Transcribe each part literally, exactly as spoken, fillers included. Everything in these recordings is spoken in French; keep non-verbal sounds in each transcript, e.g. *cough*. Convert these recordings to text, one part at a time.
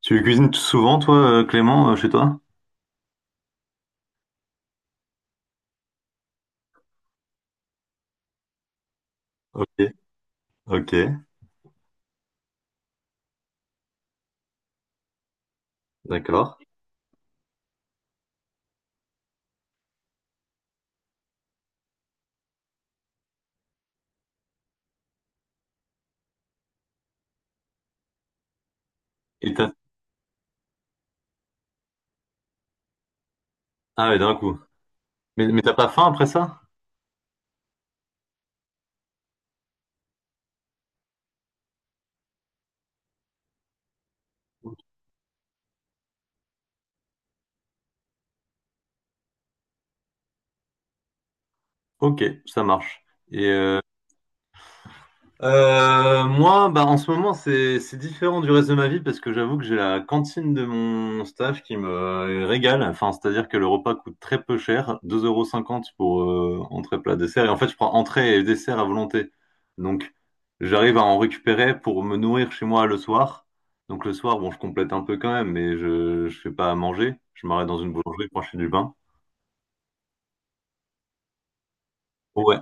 Tu cuisines souvent, toi, euh, Clément, euh, chez toi? Ok, ok, d'accord. Et t'as... Ah ouais, d'un coup. Mais, mais t'as pas faim après ça? Ok, ça marche. Et, euh, Euh, moi, bah, en ce moment, c'est c'est différent du reste de ma vie parce que j'avoue que j'ai la cantine de mon staff qui me régale. Enfin, c'est-à-dire que le repas coûte très peu cher, deux euros cinquante pour euh, entrée, plat, dessert. Et en fait, je prends entrée et dessert à volonté. Donc, j'arrive à en récupérer pour me nourrir chez moi le soir. Donc, le soir, bon, je complète un peu quand même, mais je je fais pas à manger. Je m'arrête dans une boulangerie pour acheter du pain. Ouais.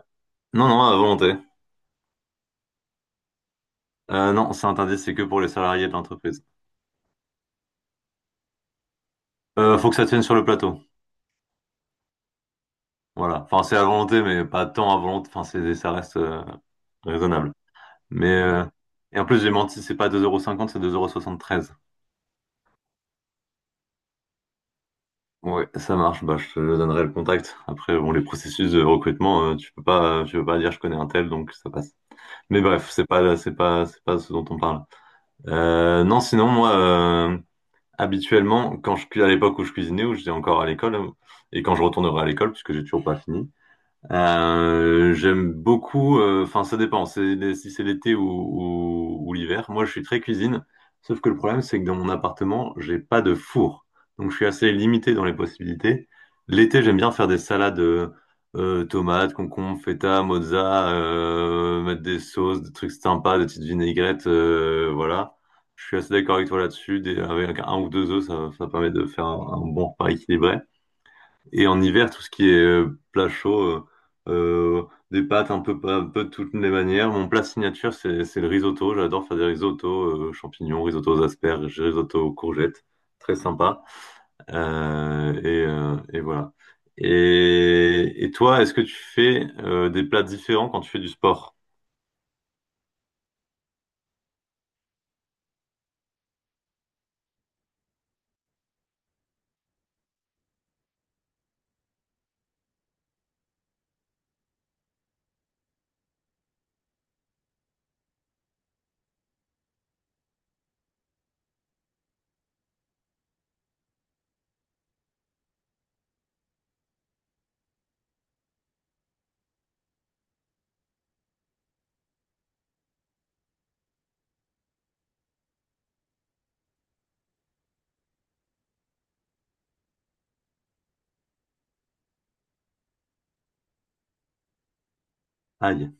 Non, non, à volonté. Euh, non, c'est interdit, c'est que pour les salariés de l'entreprise. Euh, faut que ça tienne sur le plateau. Voilà. Enfin, c'est à volonté, mais pas tant à volonté. Enfin, c'est, ça reste euh, raisonnable. Mais euh, et en plus, j'ai menti, c'est pas deux euros cinquante, cinquante, c'est deux euros soixante-treize. Soixante-treize. Ouais, ça marche. Bah, je te donnerai le contact. Après, bon, les processus de recrutement, euh, tu peux pas, tu peux pas dire je connais un tel, donc ça passe. Mais bref, c'est pas, c'est pas, c'est pas ce dont on parle. Euh, non, sinon, moi, euh, habituellement, quand je, cu- à l'époque où je cuisinais, où j'étais encore à l'école, euh, et quand je retournerai à l'école, puisque j'ai toujours pas fini. Euh, j'aime beaucoup, euh, enfin ça dépend, c'est, si c'est l'été ou, ou, ou l'hiver. Moi je suis très cuisine, sauf que le problème c'est que dans mon appartement, j'ai pas de four. Donc je suis assez limité dans les possibilités. L'été j'aime bien faire des salades euh, euh, tomates, concombres, feta, mozza, euh, mettre des sauces, des trucs sympas, des petites vinaigrettes, euh, voilà. Je suis assez d'accord avec toi là-dessus, des- avec un ou deux œufs, ça, ça permet de faire un, un bon repas équilibré. Et en hiver, tout ce qui est euh, plat chaud, euh, euh, des pâtes un peu, un peu de toutes les manières. Mon plat signature, c'est, c'est le risotto. J'adore faire des risottos, euh, champignons, risotto aux asperges, risotto aux courgettes. Très sympa. Euh, et, euh, et voilà. Et, et toi, est-ce que tu fais euh, des plats différents quand tu fais du sport? Aïe.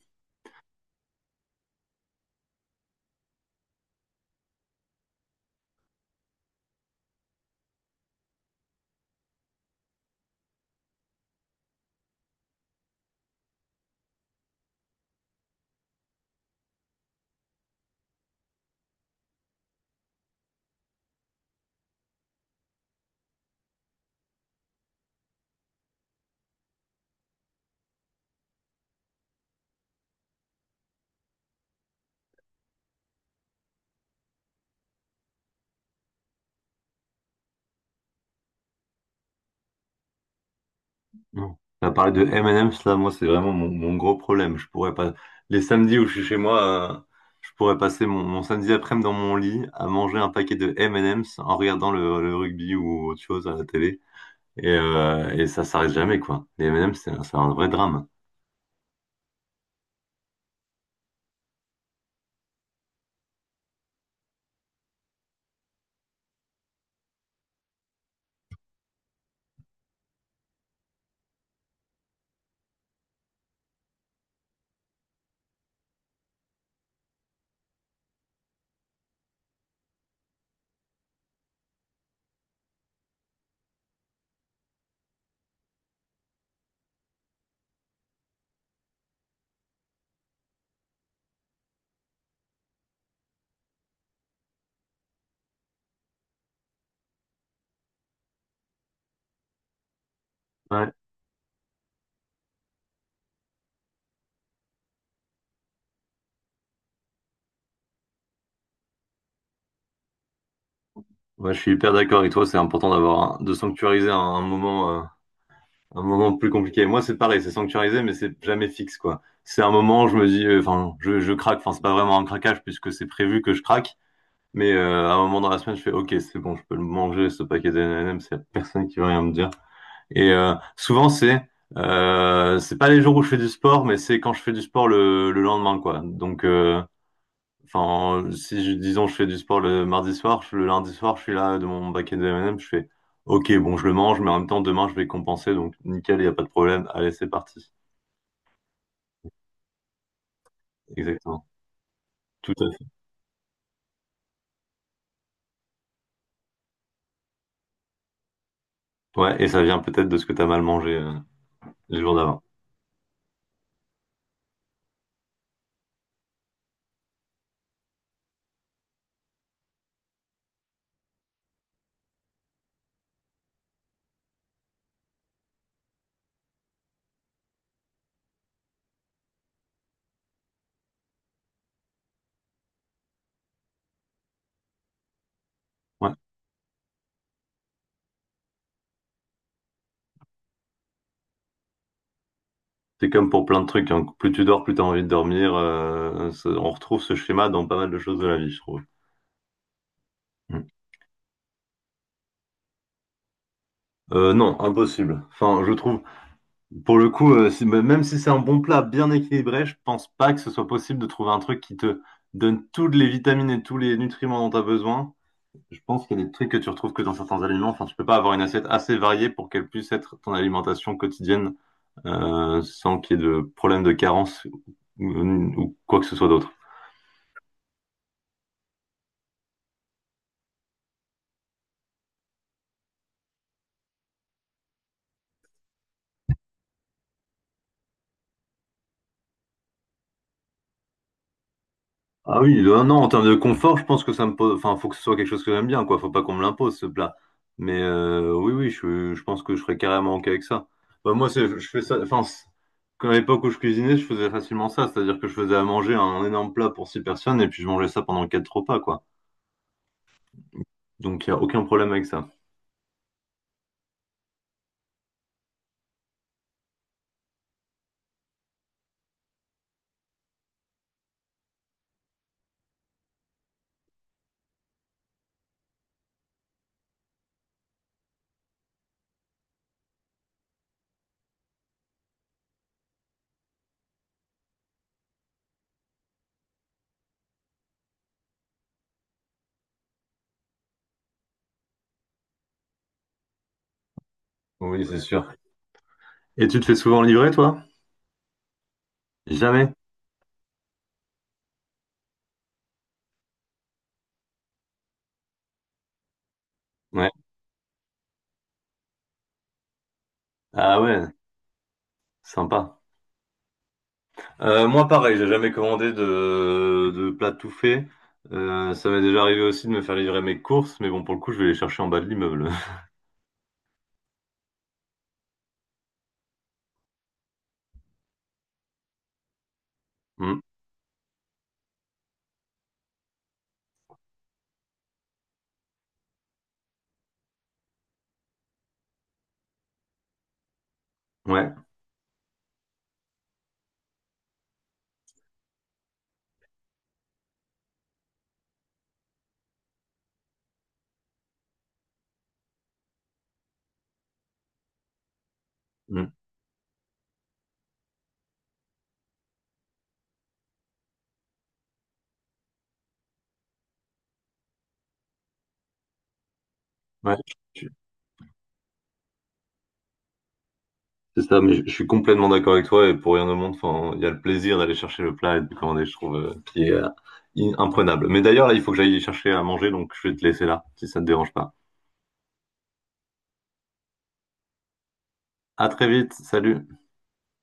Non. Tu parlé de M et M's, là, moi, c'est vraiment mon, mon gros problème. Je pourrais pas... Les samedis où je suis chez moi, euh, je pourrais passer mon, mon samedi après-midi dans mon lit à manger un paquet de M et M's en regardant le, le rugby ou autre chose à la télé. Et, euh, et ça s'arrête jamais, quoi. Les M et M's, c'est un, c'est un vrai drame. Ouais, ouais, je suis hyper d'accord avec toi. C'est important d'avoir un- de sanctuariser un, un moment, euh, un moment plus compliqué. Moi, c'est pareil, c'est sanctuarisé, mais c'est jamais fixe, quoi. C'est un moment où je me dis, euh, enfin, je, je craque. Enfin, c'est pas vraiment un craquage puisque c'est prévu que je craque. Mais euh, à un moment dans la semaine, je fais, OK, c'est bon, je peux le manger, ce paquet de M et M, c'est la personne qui va rien me dire. Et euh, souvent, c'est euh, c'est pas les jours où je fais du sport, mais c'est quand je fais du sport le, le lendemain, quoi. Donc, euh, enfin, si je, disons, je fais du sport le mardi soir, je- le lundi soir, je suis là de mon paquet de M et M, je fais, OK, bon, je le mange, mais en même temps, demain, je vais compenser, donc nickel, il n'y a pas de problème. Allez, c'est parti. Exactement. Tout à fait. Ouais, et ça vient peut-être de ce que t'as mal mangé euh, les jours d'avant. C'est comme pour plein de trucs, hein. Plus tu dors, plus tu as envie de dormir. Euh, ça- on retrouve ce schéma dans pas mal de choses de la vie, je trouve. Mm. Euh, non, impossible. Enfin, je trouve, pour le coup, euh, si- même si c'est un bon plat bien équilibré, je pense pas que ce soit possible de trouver un truc qui te donne toutes les vitamines et tous les nutriments dont tu as besoin. Je pense qu'il y a des trucs que tu retrouves que dans certains aliments. Enfin, tu peux pas avoir une assiette assez variée pour qu'elle puisse être ton alimentation quotidienne, euh, sans qu'il y ait de problème de carence ou ou quoi que ce soit d'autre. Ah oui, le un an en termes de confort, je pense que ça me pose. Enfin, faut que ce soit quelque chose que j'aime bien, quoi. Faut pas qu'on me l'impose, ce plat. Mais euh, oui, oui, je, je pense que je serais carrément OK avec ça. Bah, moi, c'est, je fais ça. Enfin, c'est- quand à l'époque où je cuisinais, je faisais facilement ça. C'est-à-dire que je faisais à manger un énorme plat pour six personnes et puis je mangeais ça pendant quatre repas, quoi. Donc, il n'y a aucun problème avec ça. Oui, c'est sûr. Et tu te fais souvent livrer, toi? Jamais. Ouais. Ah ouais, sympa. Euh, moi, pareil, j'ai jamais commandé de, de plat tout fait. Euh, ça m'est déjà arrivé aussi de me faire livrer mes courses, mais bon, pour le coup, je vais les chercher en bas de l'immeuble. *laughs* Hmm. Ouais, Hmm. Ouais, je- je- c'est ça, mais je, je suis complètement d'accord avec toi, et pour rien au monde, enfin, il y a le plaisir d'aller chercher le plat et de le commander, je trouve, euh, qui est euh, in- imprenable. Mais d'ailleurs, là, il faut que j'aille chercher à manger, donc je vais te laisser là, si ça te dérange pas. À très vite, salut!